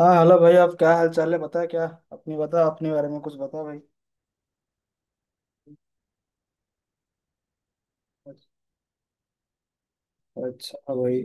हाँ, हेलो भाई। आप क्या हाल चाल है? बता क्या। अपनी बता, अपने बारे में कुछ बता भाई। अच्छा भाई।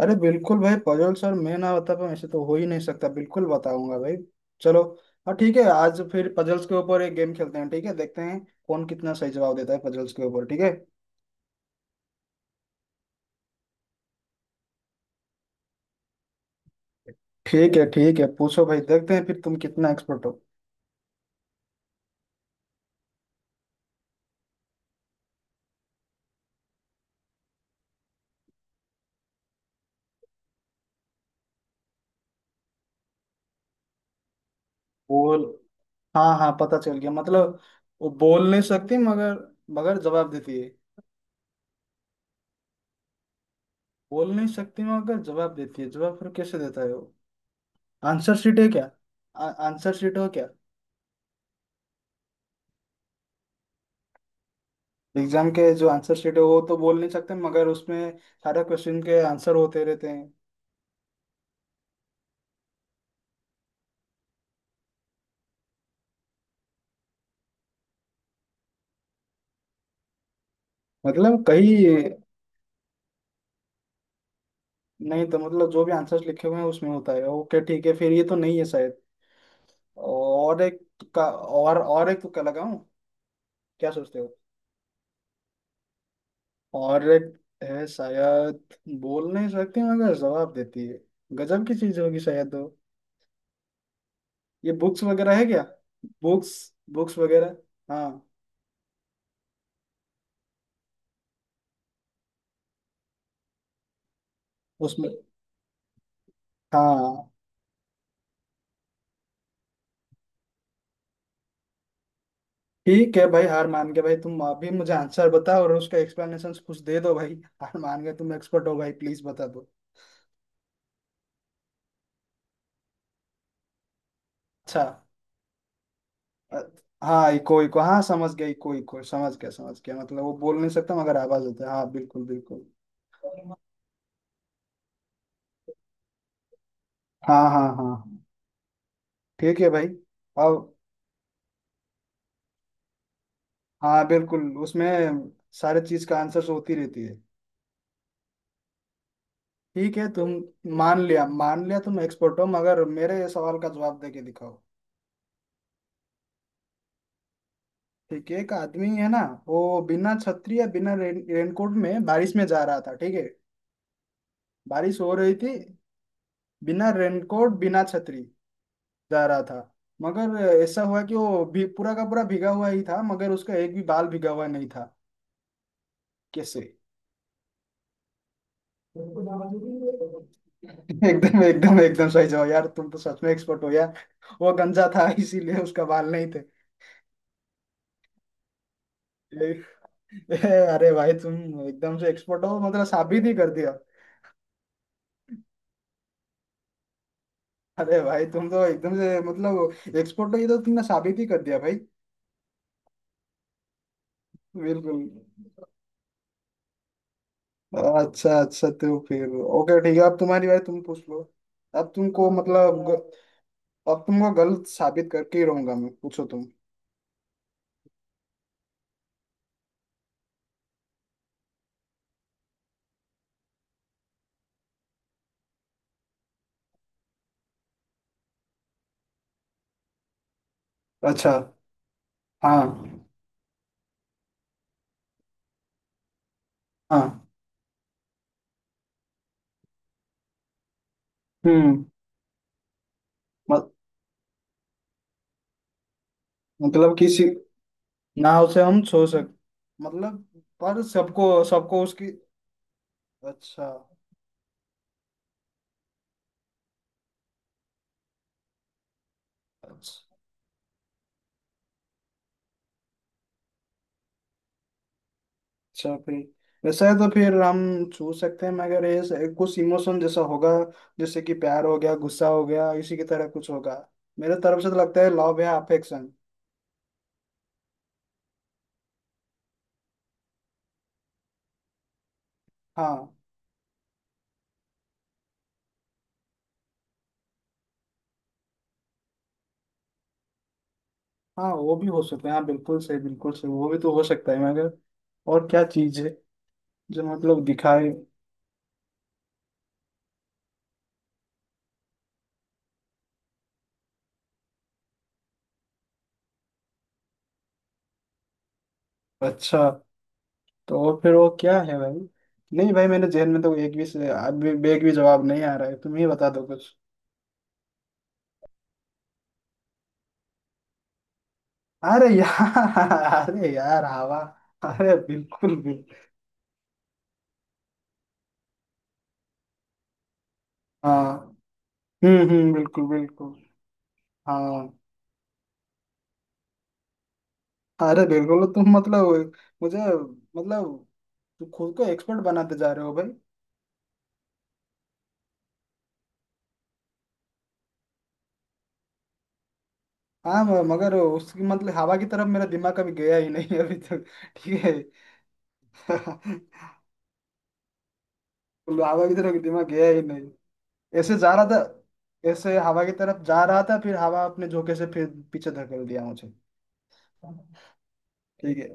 अरे बिल्कुल भाई, पजल सर मैं ना बता पाऊँ ऐसे तो हो ही नहीं सकता, बिल्कुल बताऊंगा भाई। चलो, हाँ ठीक है। आज फिर पजल्स के ऊपर एक गेम खेलते हैं, ठीक है? देखते हैं कौन कितना सही जवाब देता है पजल्स के ऊपर, ठीक है? ठीक है, ठीक है, पूछो भाई, देखते हैं फिर तुम कितना एक्सपर्ट हो। बोल। हाँ हाँ, पता चल गया मतलब। वो बोल नहीं सकती मगर मगर जवाब देती है। बोल नहीं सकती मगर जवाब देती है, जवाब फिर कैसे देता है वो? आंसर शीट है क्या? आंसर शीट हो क्या? एग्जाम के जो आंसर शीट है वो तो बोल नहीं सकते मगर उसमें सारे क्वेश्चन के आंसर होते रहते हैं। मतलब कहीं, नहीं तो मतलब जो भी आंसर्स लिखे हुए हैं उसमें होता है, ओके ठीक है। फिर ये तो नहीं है शायद, और एक का। और एक तुक्का लगाऊं, क्या सोचते हो? और एक है शायद, बोल नहीं सकती मगर जवाब देती है, गजब की चीज होगी शायद वो। ये बुक्स वगैरह है क्या? बुक्स, बुक्स वगैरह, हाँ उसमें, हाँ। ठीक है भाई हार मान के, भाई तुम अभी मुझे आंसर बताओ और उसका एक्सप्लेनेशन कुछ दे दो भाई। हार मान गए, तुम एक्सपर्ट हो भाई, प्लीज बता दो। अच्छा। अ, हाँ इको इको, हाँ समझ गया, इको इको समझ गया, समझ गया मतलब वो बोल नहीं सकता मगर आवाज होता है, हाँ बिल्कुल बिल्कुल। हाँ हाँ हाँ हाँ। ठीक है भाई, अब। हाँ बिल्कुल, उसमें सारे चीज का आंसर होती रहती है। ठीक है तुम, मान लिया तुम एक्सपर्ट हो, मगर मेरे सवाल का जवाब दे के दिखाओ। ठीक है, एक आदमी है ना, वो बिना छतरी या बिना रेनकोट में बारिश में जा रहा था, ठीक है? बारिश हो रही थी। बिना रेनकोट, बिना छतरी जा रहा था, मगर ऐसा हुआ कि वो भी पूरा का पूरा भीगा हुआ ही था मगर उसका एक भी बाल भीगा हुआ नहीं था। कैसे? एकदम एकदम एकदम सही जवाब! यार तुम तो सच में एक्सपर्ट हो यार। वो गंजा था इसीलिए उसका बाल नहीं थे। ए- ए- अरे भाई तुम एकदम से एक्सपर्ट हो, मतलब साबित ही कर दिया। अरे भाई तुम तो एकदम से मतलब एक्सपोर्ट, तो ये तो तुमने साबित ही कर दिया भाई। बिल्कुल। अच्छा अच्छा तो फिर, ओके ठीक है, अब तुम्हारी बारी, तुम पूछ लो। अब तुमको मतलब ग- अब तुमको गलत साबित करके ही रहूंगा मैं, पूछो तुम। अच्छा। हाँ। हाँ। हम्म। मत, मतलब किसी नाव से हम सो सक, मतलब पर सबको सबको उसकी। अच्छा अच्छा। अच्छा फिर वैसा है, तो फिर हम छू सकते हैं मगर ये कुछ इमोशन जैसा होगा, जैसे कि प्यार हो गया, गुस्सा हो गया, इसी की तरह कुछ होगा। मेरे तरफ से तो लगता है लव या अफेक्शन। हाँ। हाँ वो भी हो सकता है, हाँ बिल्कुल सही बिल्कुल सही, वो भी तो हो सकता है मगर और क्या चीज है जो मतलब दिखाए। अच्छा तो और फिर वो क्या है भाई? नहीं भाई, मेरे जहन में तो एक भी से अभी एक भी जवाब नहीं आ रहा है, तुम ही बता दो कुछ। अरे यार अरे यार, हवा! अरे बिल्कुल बिल्कुल। हाँ बिल्कुल बिल्कुल। हाँ। अरे बिल्कुल, तो तुम मतलब, मुझे मतलब, तुम खुद को एक्सपर्ट बनाते जा रहे हो भाई। हाँ मगर उसकी मतलब हवा की तरफ मेरा दिमाग कभी गया ही नहीं अभी तक। ठीक है। हवा की तरफ दिमाग गया ही नहीं। ऐसे जा रहा था, ऐसे हवा की तरफ जा रहा था, फिर हवा अपने झोंके से फिर पीछे धकेल दिया मुझे। ठीक है,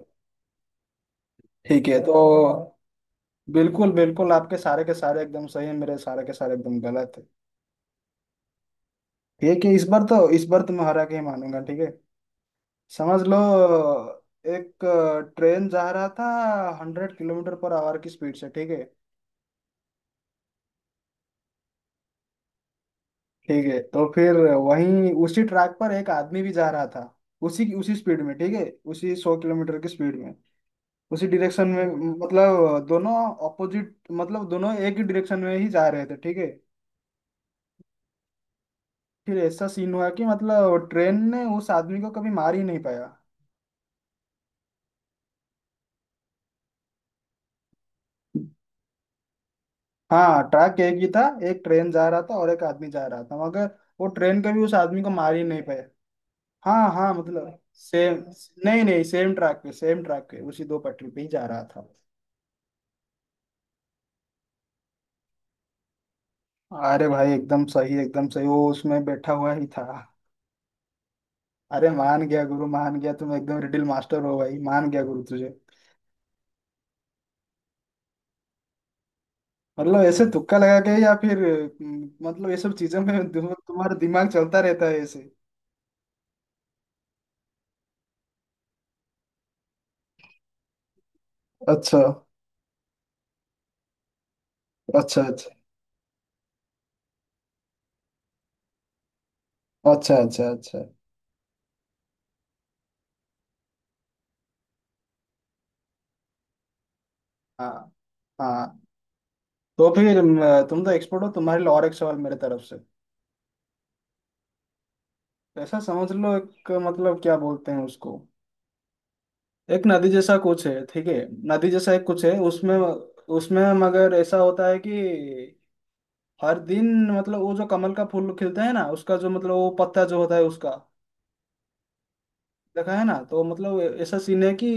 ठीक है तो, बिल्कुल बिल्कुल, आपके सारे के सारे एकदम सही है, मेरे सारे के सारे एकदम गलत है। ठीक है, इस बार तो मैं हरा के ही मानूंगा। ठीक है, समझ लो, एक ट्रेन जा रहा था, 100 किलोमीटर पर आवर की स्पीड से, ठीक है? ठीक है, तो फिर वहीं उसी ट्रैक पर एक आदमी भी जा रहा था, उसी की उसी स्पीड में, ठीक है? उसी 100 किलोमीटर की स्पीड में, उसी डायरेक्शन में, मतलब दोनों अपोजिट, मतलब दोनों एक ही डायरेक्शन में ही जा रहे थे, ठीक है? फिर ऐसा सीन हुआ कि मतलब ट्रेन ने उस आदमी को कभी मार ही नहीं पाया। हाँ, ट्रैक एक ही था, एक ट्रेन जा रहा था और एक आदमी जा रहा था मगर वो ट्रेन कभी उस आदमी को मार ही नहीं पाया। हाँ हाँ मतलब सेम। नहीं नहीं, सेम ट्रैक पे, सेम ट्रैक पे उसी दो पटरी पे ही जा रहा था। अरे भाई एकदम सही एकदम सही, वो उसमें बैठा हुआ ही था। अरे मान गया गुरु, मान गया, तुम एकदम रिडिल मास्टर हो भाई, मान गया गुरु तुझे। मतलब ऐसे तुक्का लगा के या फिर मतलब ये सब चीजों में तुम्हारा दिमाग चलता रहता है ऐसे। अच्छा अच्छा अच्छा। अच्छा अच्छा अच्छा। हाँ। हाँ तो फिर तुम तो एक्सपर्ट हो, तुम्हारे लिए और एक सवाल मेरे तरफ से। ऐसा समझ लो, एक मतलब क्या बोलते हैं उसको, एक नदी जैसा कुछ है, ठीक है? नदी जैसा एक कुछ है उसमें, उसमें मगर ऐसा होता है कि हर दिन मतलब, वो जो कमल का फूल खिलता है ना, उसका जो मतलब वो पत्ता जो होता है उसका, देखा है ना? तो मतलब ऐसा सीन है कि,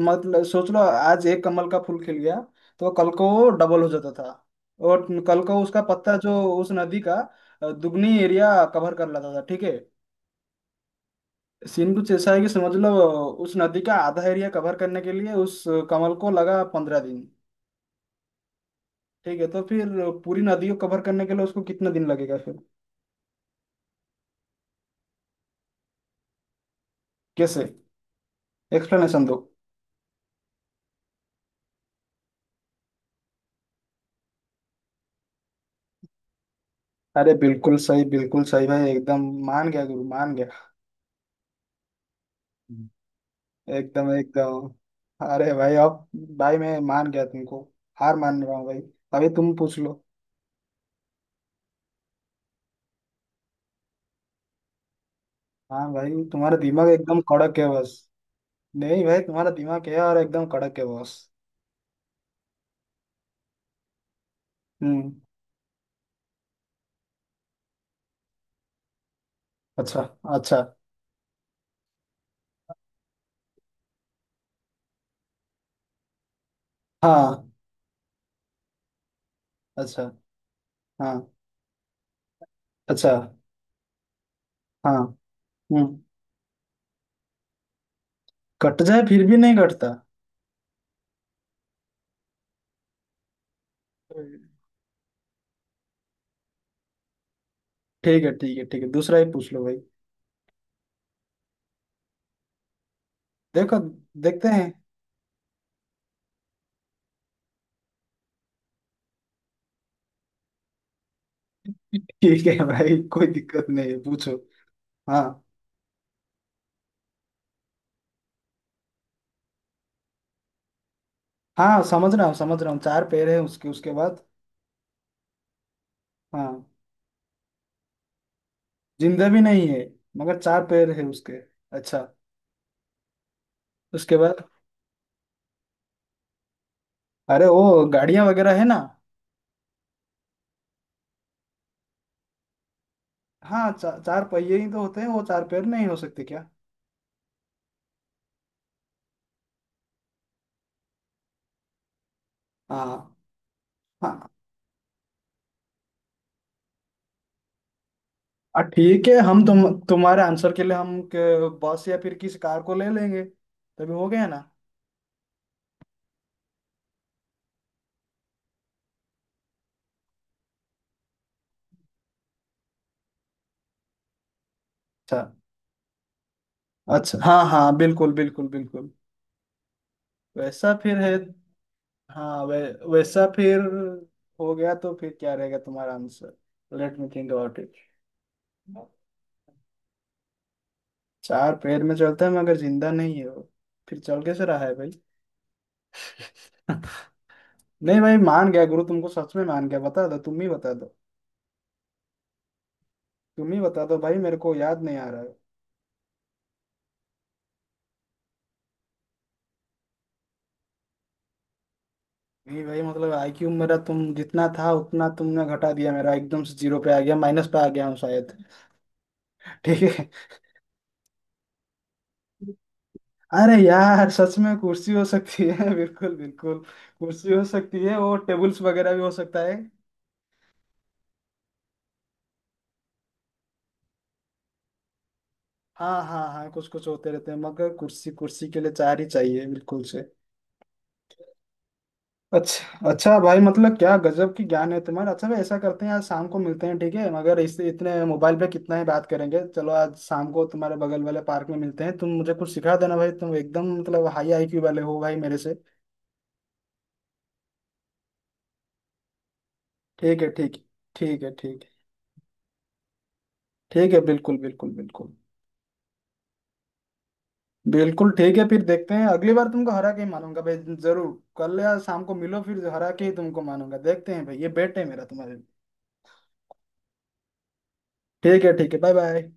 मतलब सोच लो आज एक कमल का फूल खिल गया, तो कल को वो डबल हो जाता था, और कल को उसका पत्ता जो उस नदी का दुगनी एरिया कवर कर लेता था, ठीक है? सीन कुछ ऐसा है कि समझ लो, उस नदी का आधा एरिया कवर करने के लिए उस कमल को लगा 15 दिन, ठीक है? तो फिर पूरी नदी को कवर करने के लिए उसको कितना दिन लगेगा फिर? कैसे, एक्सप्लेनेशन दो। अरे बिल्कुल सही भाई, एकदम मान गया गुरु, मान गया। हम्म। एकदम एकदम। अरे भाई अब, भाई मैं मान गया तुमको, हार मान रहा हूँ भाई, अभी तुम पूछ लो। हाँ भाई तुम्हारा दिमाग एकदम कड़क है बस। नहीं भाई, तुम्हारा दिमाग है और एकदम कड़क है बस। हम्म। अच्छा। अच्छा। हाँ। अच्छा। हाँ। अच्छा। हाँ। हम्म। कट जाए फिर भी नहीं कटता? ठीक है ठीक है ठीक है, दूसरा ही पूछ लो भाई। देखो। देखते हैं। ठीक है भाई, कोई दिक्कत नहीं है, पूछो। हाँ हाँ, समझ रहा हूँ समझ रहा हूँ, चार पैर है उसके, उसके बाद? हाँ। जिंदा भी नहीं है मगर चार पैर है उसके। अच्छा। उसके बाद? अरे वो गाड़ियां वगैरह है ना? हाँ चार पहिए ही तो होते हैं, वो चार पैर नहीं हो सकते क्या? हाँ हाँ ठीक है हम तुम, तुम्हारे आंसर के लिए हम के बस या फिर किसी कार को ले लेंगे तभी हो गया ना? अच्छा अच्छा, हाँ हाँ बिल्कुल बिल्कुल बिल्कुल, वैसा फिर है। हाँ वैसा फिर हो गया, तो फिर क्या रहेगा तुम्हारा answer? Let me think about it. चार पैर में चलता है मगर जिंदा नहीं है वो, फिर चल कैसे रहा है भाई? नहीं भाई मान गया गुरु तुमको, सच में मान गया, बता दो, तुम ही बता दो, तुम ही बता दो भाई, मेरे को याद नहीं आ रहा है। नहीं भाई मतलब आईक्यू मेरा तुम जितना था उतना तुमने घटा दिया, मेरा एकदम से जीरो पे आ गया, माइनस पे आ गया हूँ शायद। ठीक है। अरे यार सच में कुर्सी हो सकती है! बिल्कुल बिल्कुल, कुर्सी हो सकती है और टेबल्स वगैरह भी हो सकता है। हाँ हाँ हाँ, कुछ कुछ होते रहते हैं मगर कुर्सी, कुर्सी के लिए चार ही चाहिए बिल्कुल से। अच्छा अच्छा भाई, मतलब क्या गजब की ज्ञान है तुम्हारा। अच्छा भाई ऐसा करते हैं, आज शाम को मिलते हैं, ठीक है? मगर इससे इतने मोबाइल पे कितना ही बात करेंगे, चलो आज शाम को तुम्हारे बगल वाले पार्क में मिलते हैं, तुम मुझे कुछ सिखा देना भाई, तुम एकदम मतलब हाई आईक्यू वाले हो भाई मेरे से। ठीक है ठीक है, ठीक है ठीक है ठीक है, बिल्कुल बिल्कुल बिल्कुल बिल्कुल ठीक है, फिर देखते हैं अगली बार तुमको हरा के ही मानूंगा भाई जरूर। कल या शाम को मिलो, फिर हरा के ही तुमको मानूंगा, देखते हैं भाई, ये बेट है मेरा तुम्हारे लिए। ठीक है ठीक है, बाय बाय।